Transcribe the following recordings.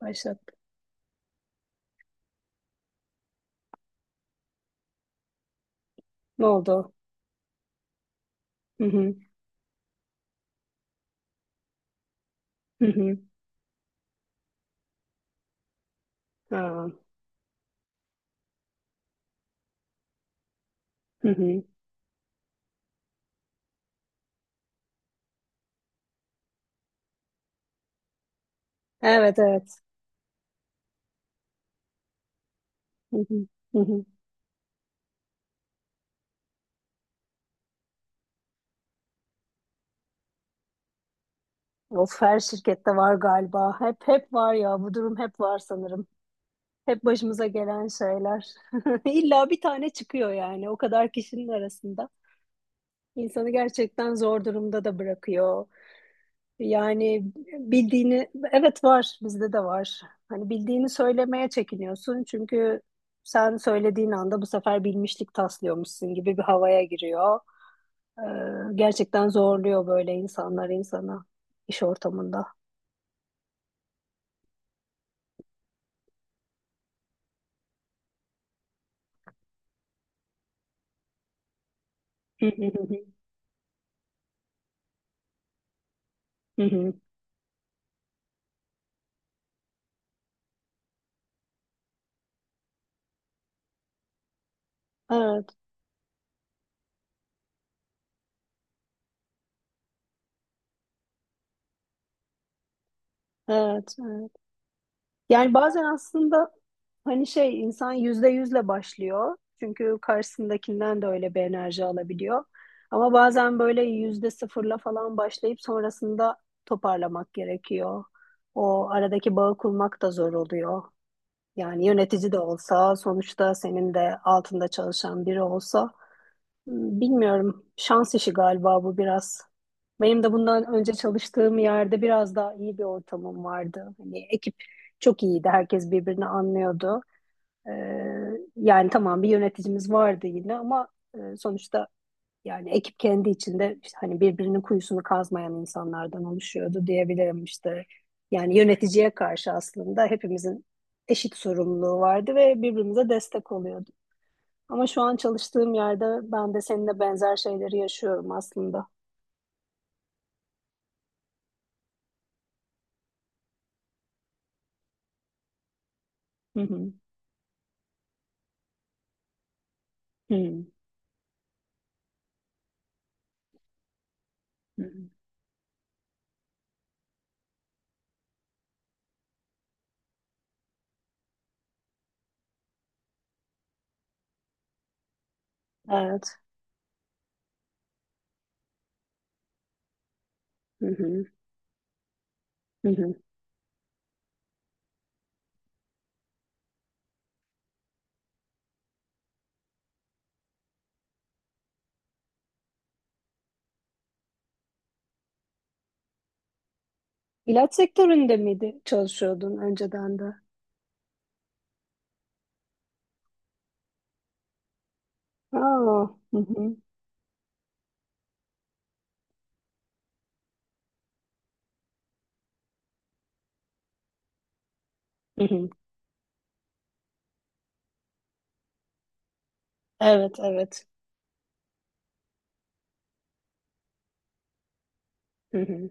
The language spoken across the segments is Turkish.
Başlat. Ne oldu? Hı hı. Hı hı. Ha. Hı hı. Evet evet. Hı hı. Hı hı. Of, her şirkette var galiba. Hep var ya, bu durum hep var sanırım. Hep başımıza gelen şeyler. İlla bir tane çıkıyor yani o kadar kişinin arasında. İnsanı gerçekten zor durumda da bırakıyor. Yani bildiğini, evet, var, bizde de var. Hani bildiğini söylemeye çekiniyorsun çünkü sen söylediğin anda bu sefer bilmişlik taslıyormuşsun gibi bir havaya giriyor. Ee, Gerçekten zorluyor böyle insanlar insana iş ortamında. Hı hı hı hı. Hı hı. Evet, evet, evet. Yani bazen aslında hani şey, insan yüzde yüzle başlıyor. Çünkü karşısındakinden de öyle bir enerji alabiliyor. Ama bazen böyle yüzde sıfırla falan başlayıp sonrasında toparlamak gerekiyor. O aradaki bağı kurmak da zor oluyor. Yani yönetici de olsa, sonuçta senin de altında çalışan biri olsa. Bilmiyorum. Şans işi galiba bu biraz. Benim de bundan önce çalıştığım yerde biraz daha iyi bir ortamım vardı. Hani ekip çok iyiydi. Herkes birbirini anlıyordu. Ee, Yani tamam, bir yöneticimiz vardı yine ama sonuçta yani ekip kendi içinde işte hani birbirinin kuyusunu kazmayan insanlardan oluşuyordu diyebilirim işte. Yani yöneticiye karşı aslında hepimizin eşit sorumluluğu vardı ve birbirimize destek oluyorduk. Ama şu an çalıştığım yerde ben de seninle benzer şeyleri yaşıyorum aslında. Hı hı. Hı hı. Hı. Evet. Hı hı. Hı hı. İlaç sektöründe miydi çalışıyordun önceden de? Aa. Hı hı. Hı hı. Evet, evet. Hı hı.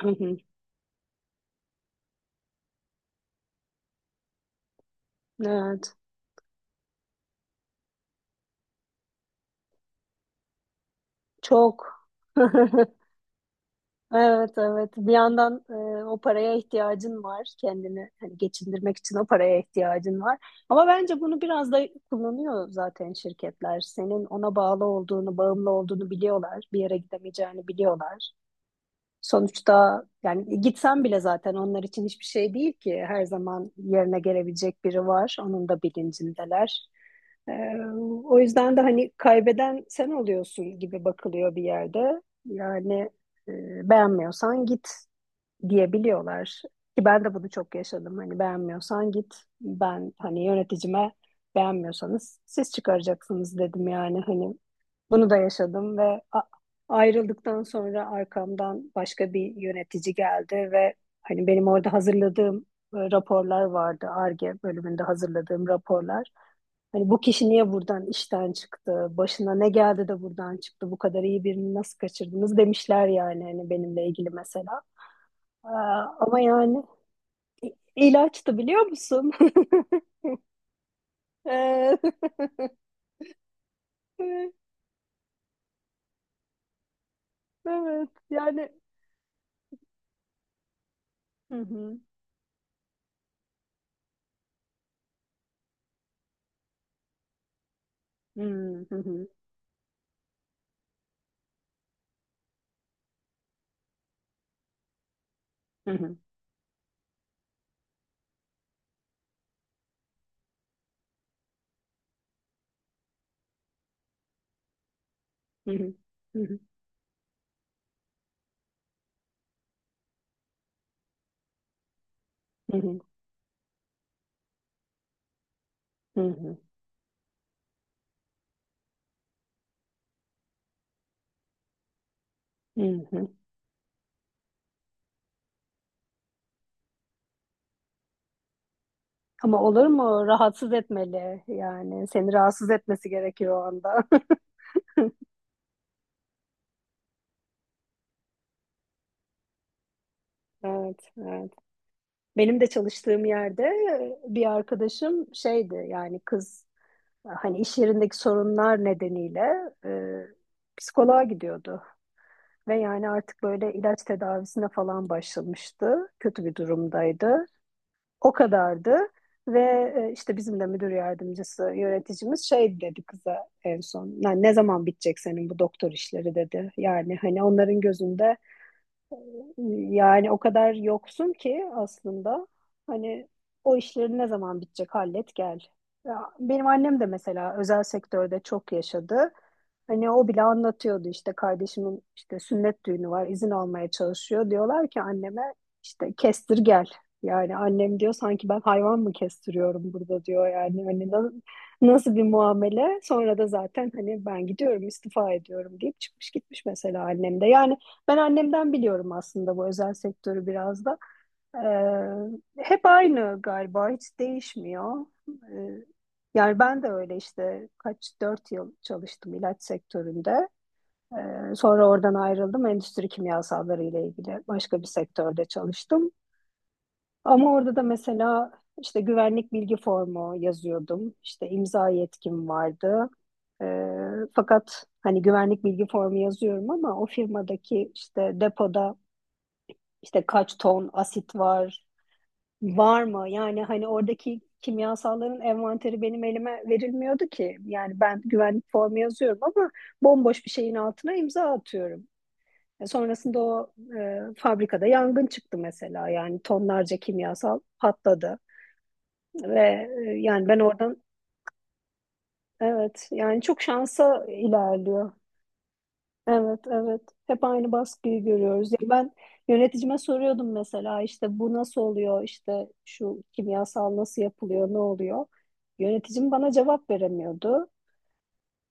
Hı hı. Evet. Çok. Evet evet, bir yandan o paraya ihtiyacın var, kendini hani geçindirmek için o paraya ihtiyacın var, ama bence bunu biraz da kullanıyor zaten şirketler. Senin ona bağlı olduğunu, bağımlı olduğunu biliyorlar, bir yere gidemeyeceğini biliyorlar. Sonuçta yani gitsem bile zaten onlar için hiçbir şey değil ki. Her zaman yerine gelebilecek biri var. Onun da bilincindeler. Ee, O yüzden de hani kaybeden sen oluyorsun gibi bakılıyor bir yerde. Yani e, beğenmiyorsan git diyebiliyorlar. Ki ben de bunu çok yaşadım. Hani beğenmiyorsan git. Ben hani yöneticime beğenmiyorsanız siz çıkaracaksınız dedim yani. Hani bunu da yaşadım ve ayrıldıktan sonra arkamdan başka bir yönetici geldi ve hani benim orada hazırladığım raporlar vardı. Ar-Ge bölümünde hazırladığım raporlar. Hani bu kişi niye buradan işten çıktı? Başına ne geldi de buradan çıktı? Bu kadar iyi birini nasıl kaçırdınız demişler yani hani benimle ilgili mesela. Aa, ama yani ilaçtı, biliyor musun? Ee, Evet yani. Hı hı. Hı hı hı. Hı hı. Hı hı. Hı hı. Hı hı. Hı hı. Hı. Ama olur mu? Rahatsız etmeli yani. Seni rahatsız etmesi gerekiyor o anda. Evet, evet. Benim de çalıştığım yerde bir arkadaşım şeydi yani, kız hani iş yerindeki sorunlar nedeniyle e, psikoloğa gidiyordu. Ve yani artık böyle ilaç tedavisine falan başlamıştı. Kötü bir durumdaydı. O kadardı. Ve işte bizim de müdür yardımcısı, yöneticimiz şey dedi kıza en son. Yani ne zaman bitecek senin bu doktor işleri dedi. Yani hani onların gözünde yani o kadar yoksun ki aslında, hani o işlerin ne zaman bitecek, hallet gel. Ya benim annem de mesela özel sektörde çok yaşadı. Hani o bile anlatıyordu, işte kardeşimin işte sünnet düğünü var, izin almaya çalışıyor. Diyorlar ki anneme işte kestir gel. Yani annem diyor sanki ben hayvan mı kestiriyorum burada diyor yani hani nasıl bir muamele. Sonra da zaten hani ben gidiyorum istifa ediyorum deyip çıkmış gitmiş mesela annem de. Yani ben annemden biliyorum aslında bu özel sektörü biraz da. Hep aynı galiba, hiç değişmiyor. Yani ben de öyle, işte kaç, dört yıl çalıştım ilaç sektöründe. Sonra oradan ayrıldım. Endüstri kimyasalları ile ilgili başka bir sektörde çalıştım. Ama orada da mesela işte güvenlik bilgi formu yazıyordum. İşte imza yetkim vardı. Ee, Fakat hani güvenlik bilgi formu yazıyorum ama o firmadaki işte depoda işte kaç ton asit var, var mı? Yani hani oradaki kimyasalların envanteri benim elime verilmiyordu ki. Yani ben güvenlik formu yazıyorum ama bomboş bir şeyin altına imza atıyorum. Sonrasında o fabrikada yangın çıktı mesela. Yani tonlarca kimyasal patladı ve yani ben oradan, evet yani çok şansa ilerliyor. Evet, evet. Hep aynı baskıyı görüyoruz. Ya ben yöneticime soruyordum mesela, işte bu nasıl oluyor, işte şu kimyasal nasıl yapılıyor, ne oluyor? Yöneticim bana cevap veremiyordu.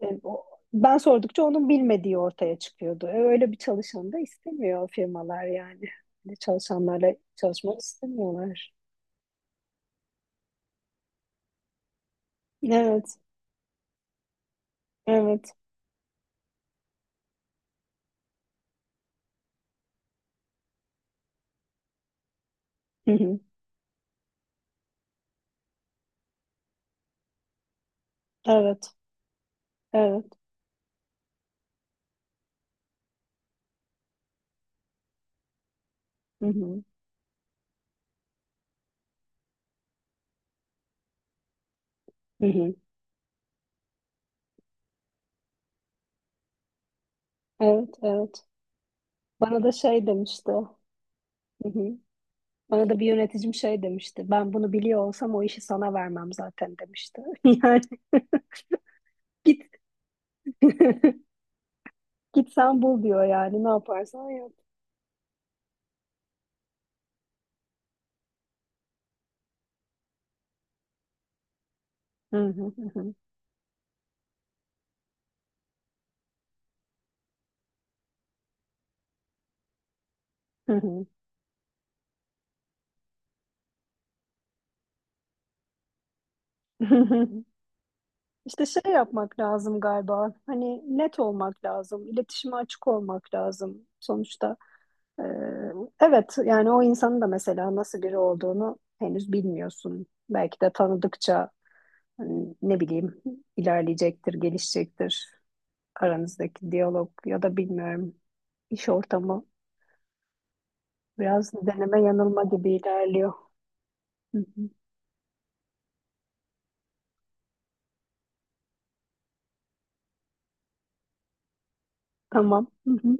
E, o- Ben sordukça onun bilmediği ortaya çıkıyordu. Öyle bir çalışan da istemiyor firmalar yani. Öyle çalışanlarla çalışmak istemiyorlar. Evet, evet. Hı hı. Evet, evet. Hı hı. Hı hı. Evet, evet. Bana da şey demişti. Hı hı. Bana da bir yöneticim şey demişti. Ben bunu biliyor olsam o işi sana vermem zaten demişti. Yani git, git sen bul diyor yani ne yaparsan yap. Hı hı hı hı hı hı. İşte şey yapmak lazım galiba. Hani net olmak lazım. İletişime açık olmak lazım sonuçta. Ee, evet yani o insanın da mesela nasıl biri olduğunu henüz bilmiyorsun. Belki de tanıdıkça, hani ne bileyim, ilerleyecektir, gelişecektir. Aranızdaki diyalog ya da bilmiyorum, iş ortamı biraz deneme yanılma gibi ilerliyor. Hı hı. Tamam. Hı hı.